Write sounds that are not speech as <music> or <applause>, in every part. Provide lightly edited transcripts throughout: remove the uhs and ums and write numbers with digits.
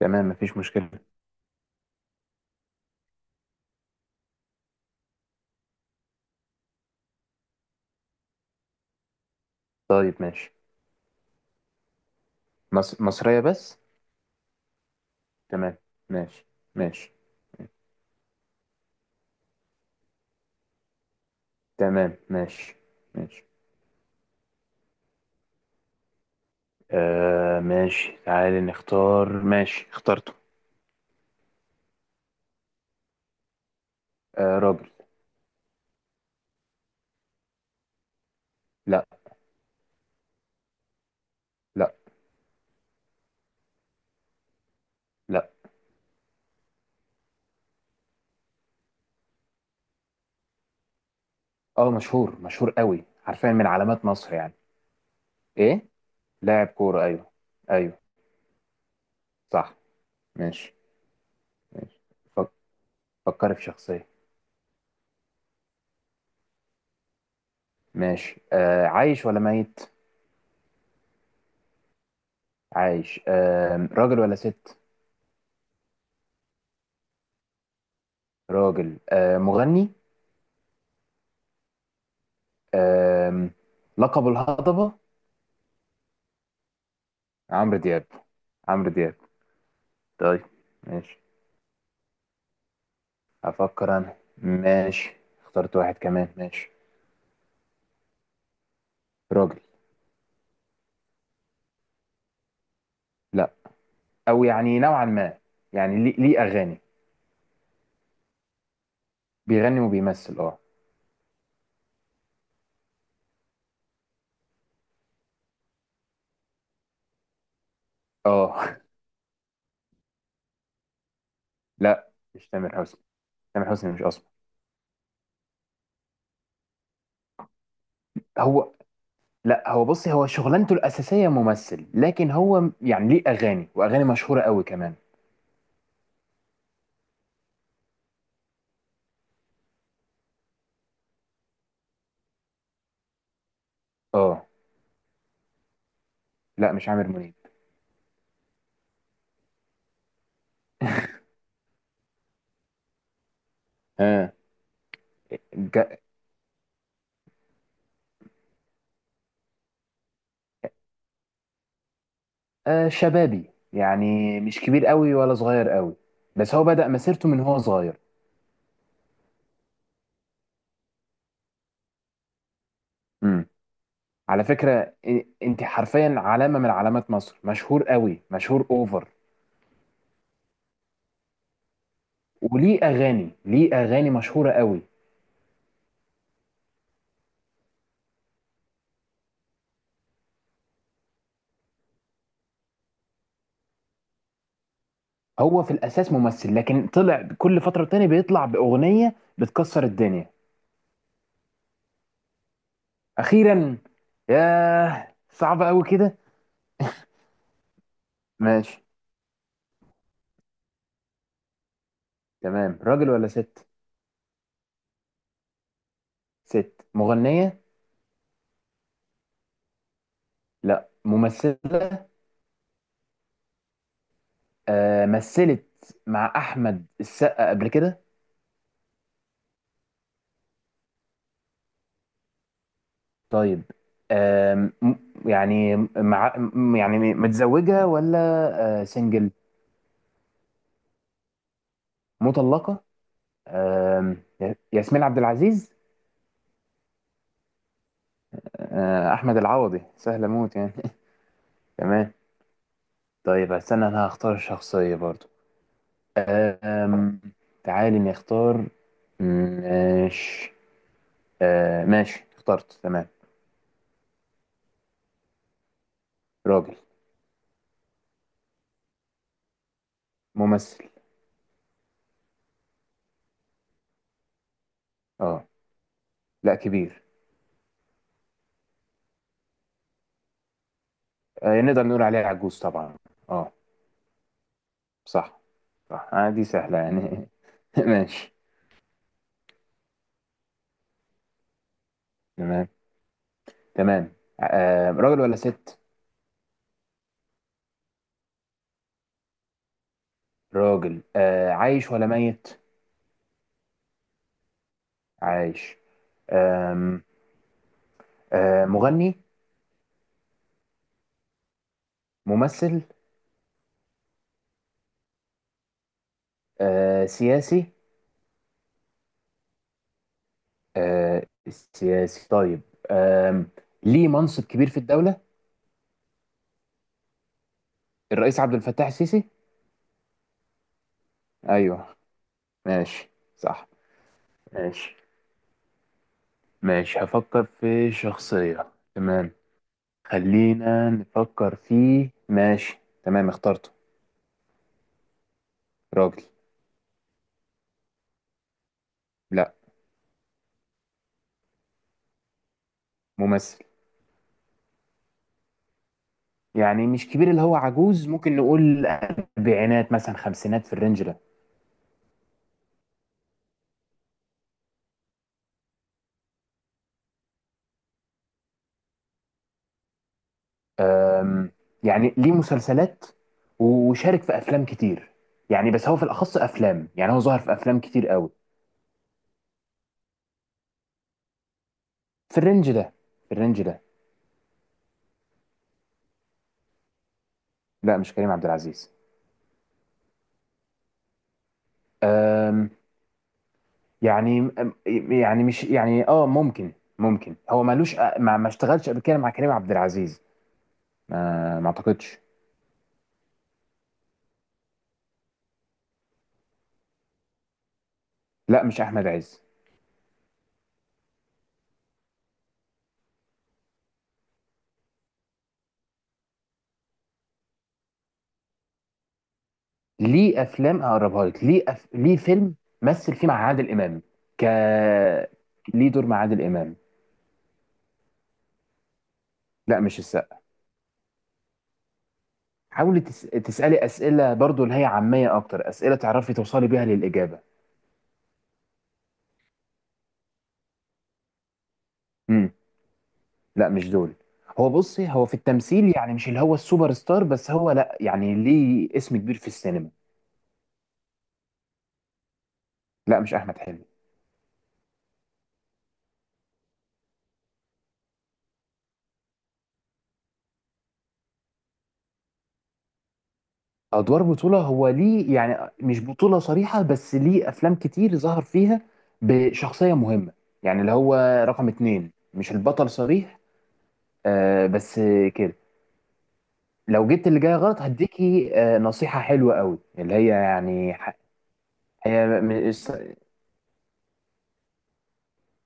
تمام، مفيش مشكلة. طيب ماشي. مصرية بس. تمام. ماشي. ماشي. تمام ماشي. ماشي آه ماشي، تعالي نختار. ماشي، اخترته. آه راجل. لا. لا. لا. اه مشهور، مشهور قوي، حرفيا من علامات مصر يعني. ايه لاعب كورة؟ ايوه. ايوه صح. ماشي. ماشي. فك... فكري في شخصية. ماشي. آه عايش ولا ميت؟ عايش. آه راجل ولا ست؟ راجل. آه مغني. آم، لقب الهضبة. عمرو دياب. عمرو دياب. طيب. ماشي. افكر انا ماشي. اخترت واحد كمان ماشي. راجل. لا. او يعني نوعا ما. يعني ليه اغاني. بيغني وبيمثل اه. اه. <laughs> لا مش تامر حسني. تامر حسني مش اصلا. هو. لا هو بصي، هو شغلانته الاساسيه ممثل، لكن هو يعني ليه اغاني واغاني مشهوره قوي كمان. اه. لا مش عامر منيب. ها. آه، شبابي يعني، مش كبير قوي ولا صغير قوي. بس هو بدأ مسيرته من هو صغير. امم. على فكرة انت حرفيا علامة من علامات مصر، مشهور قوي، مشهور اوفر. وليه اغاني، ليه اغاني مشهورة قوي. هو في الاساس ممثل، لكن طلع كل فترة تاني بيطلع باغنية بتكسر الدنيا. اخيرا. ياه صعب قوي كده. ماشي. تمام. راجل ولا ست؟ ست. مغنية. لا، ممثلة. آه، مثلت مع احمد السقا قبل كده. طيب. آم، يعني مع يعني متزوجه ولا. آه، سنجل. مطلقه. آم، ياسمين عبد العزيز. آه، احمد العوضي سهله موت يعني. <laughs> تمام. طيب استنى انا هختار الشخصيه برضو. آم، تعالي نختار. ماشي. آه، ماشي اخترت. تمام. راجل. ممثل. اه. لا كبير. آه، نقدر نقول عليه عجوز طبعا. اه. صح. صح، آه دي سهلة يعني. <laughs> ماشي. تمام. تمام آه راجل ولا ست؟ راجل. آه عايش ولا ميت؟ عايش. آم. آه مغني. ممثل. آه سياسي. آه سياسي طيب. آم. ليه منصب كبير في الدولة؟ الرئيس عبد الفتاح السيسي؟ ايوه. ماشي. صح. ماشي. ماشي هفكر في شخصية. تمام. خلينا نفكر في. ماشي. تمام اخترته. راجل. لا. ممثل. يعني مش كبير اللي هو عجوز، ممكن نقول أربعينات مثلا خمسينات، في الرينج ده. أم، يعني ليه مسلسلات، وشارك في أفلام كتير. يعني بس هو في الأخص أفلام، يعني هو ظهر في أفلام كتير قوي. في الرينج ده في الرينج ده. لا مش كريم عبد العزيز. أم، يعني أم، يعني مش يعني اه ممكن. ممكن هو مالوش آه، ما اشتغلش قبل كده مع كريم عبد العزيز. ما اعتقدش. لا مش احمد عز. ليه افلام اقربها لك، ليه ليه فيلم مثل فيه مع عادل امام. ك ليه دور مع عادل امام. لا مش السقا. حاولي تسالي اسئله برضو اللي هي عاميه اكتر، اسئله تعرفي توصلي بيها للاجابه. امم. لا مش دول. هو بصي، هو في التمثيل يعني مش اللي هو السوبر ستار، بس هو لا، يعني ليه اسم كبير في السينما. لا مش احمد حلمي. ادوار بطوله هو ليه، يعني مش بطوله صريحه بس ليه افلام كتير ظهر فيها بشخصيه مهمه. يعني اللي هو رقم اتنين مش البطل صريح. آه بس كده. لو جبت اللي جاي غلط هديكي آه نصيحه حلوه قوي اللي هي يعني هي م-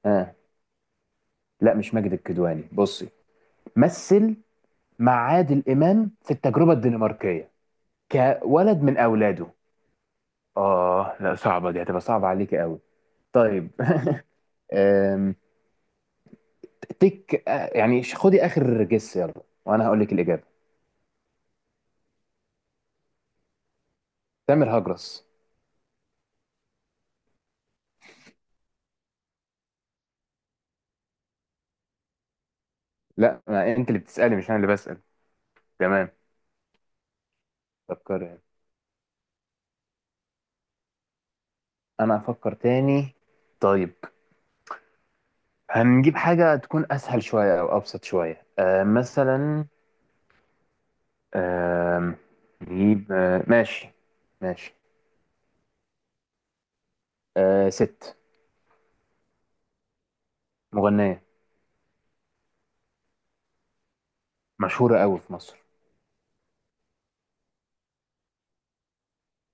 آه لا مش ماجد الكدواني. بصي، مثل مع عادل امام في التجربه الدنماركيه. كولد من اولاده. اه لا صعبه، دي هتبقى صعبه عليك قوي. طيب. <laughs> تك آه، يعني خدي اخر جس يلا وانا هقول لك الاجابه. تامر هجرس. لا ما انت اللي بتسالي مش انا اللي بسال. تمام. فكري يعني. انا افكر تاني. طيب. هنجيب حاجه تكون اسهل شويه او ابسط شويه، آه مثلا آه نجيب آه ماشي. ماشي. آه ست. مغنيه. مشهوره قوي في مصر.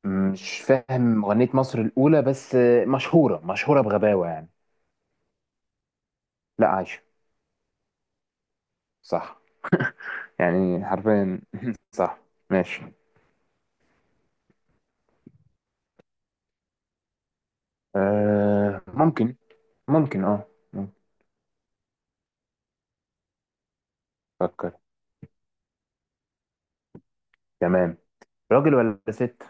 مش فاهم مغنيه مصر الاولى، بس آه، مشهوره مشهوره بغباوه يعني. لا عايشه. صح. يعني حرفيا <laughs> صح. ماشي. آه ممكن. ممكن اه ممكن. فكر. تمام. راجل ولا ست؟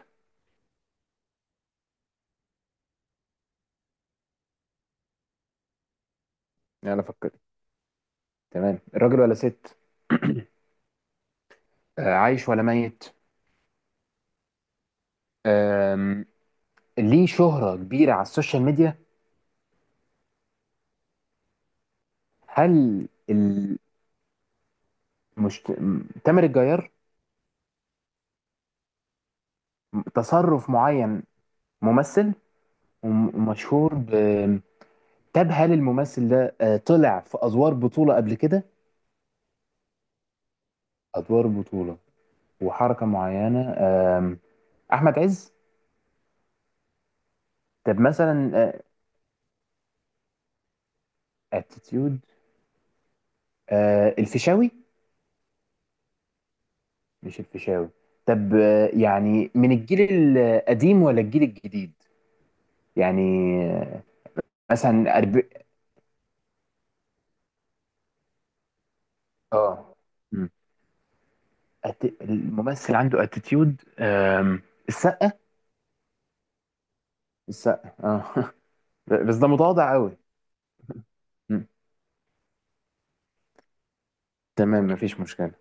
يلا فكر. تمام راجل ولا ست؟ <clears throat> آه عايش ولا ميت؟ آم، ليه شهرة كبيرة على السوشيال ميديا. هل تامر الجيار. تصرف معين. ممثل. ومشهور ب... طب هل الممثل ده آه، طلع في أدوار بطولة قبل كده؟ أدوار بطولة وحركة معينة. آم، أحمد عز. طب مثلا اتيتيود. الفيشاوي. مش الفيشاوي. طب آه، يعني من الجيل القديم ولا الجيل الجديد؟ يعني آه، مثلا اه. مم. الممثل عنده اتيتيود. السقة. السقة اه. <laughs> بس ده متواضع قوي. مم. تمام مفيش مشكلة.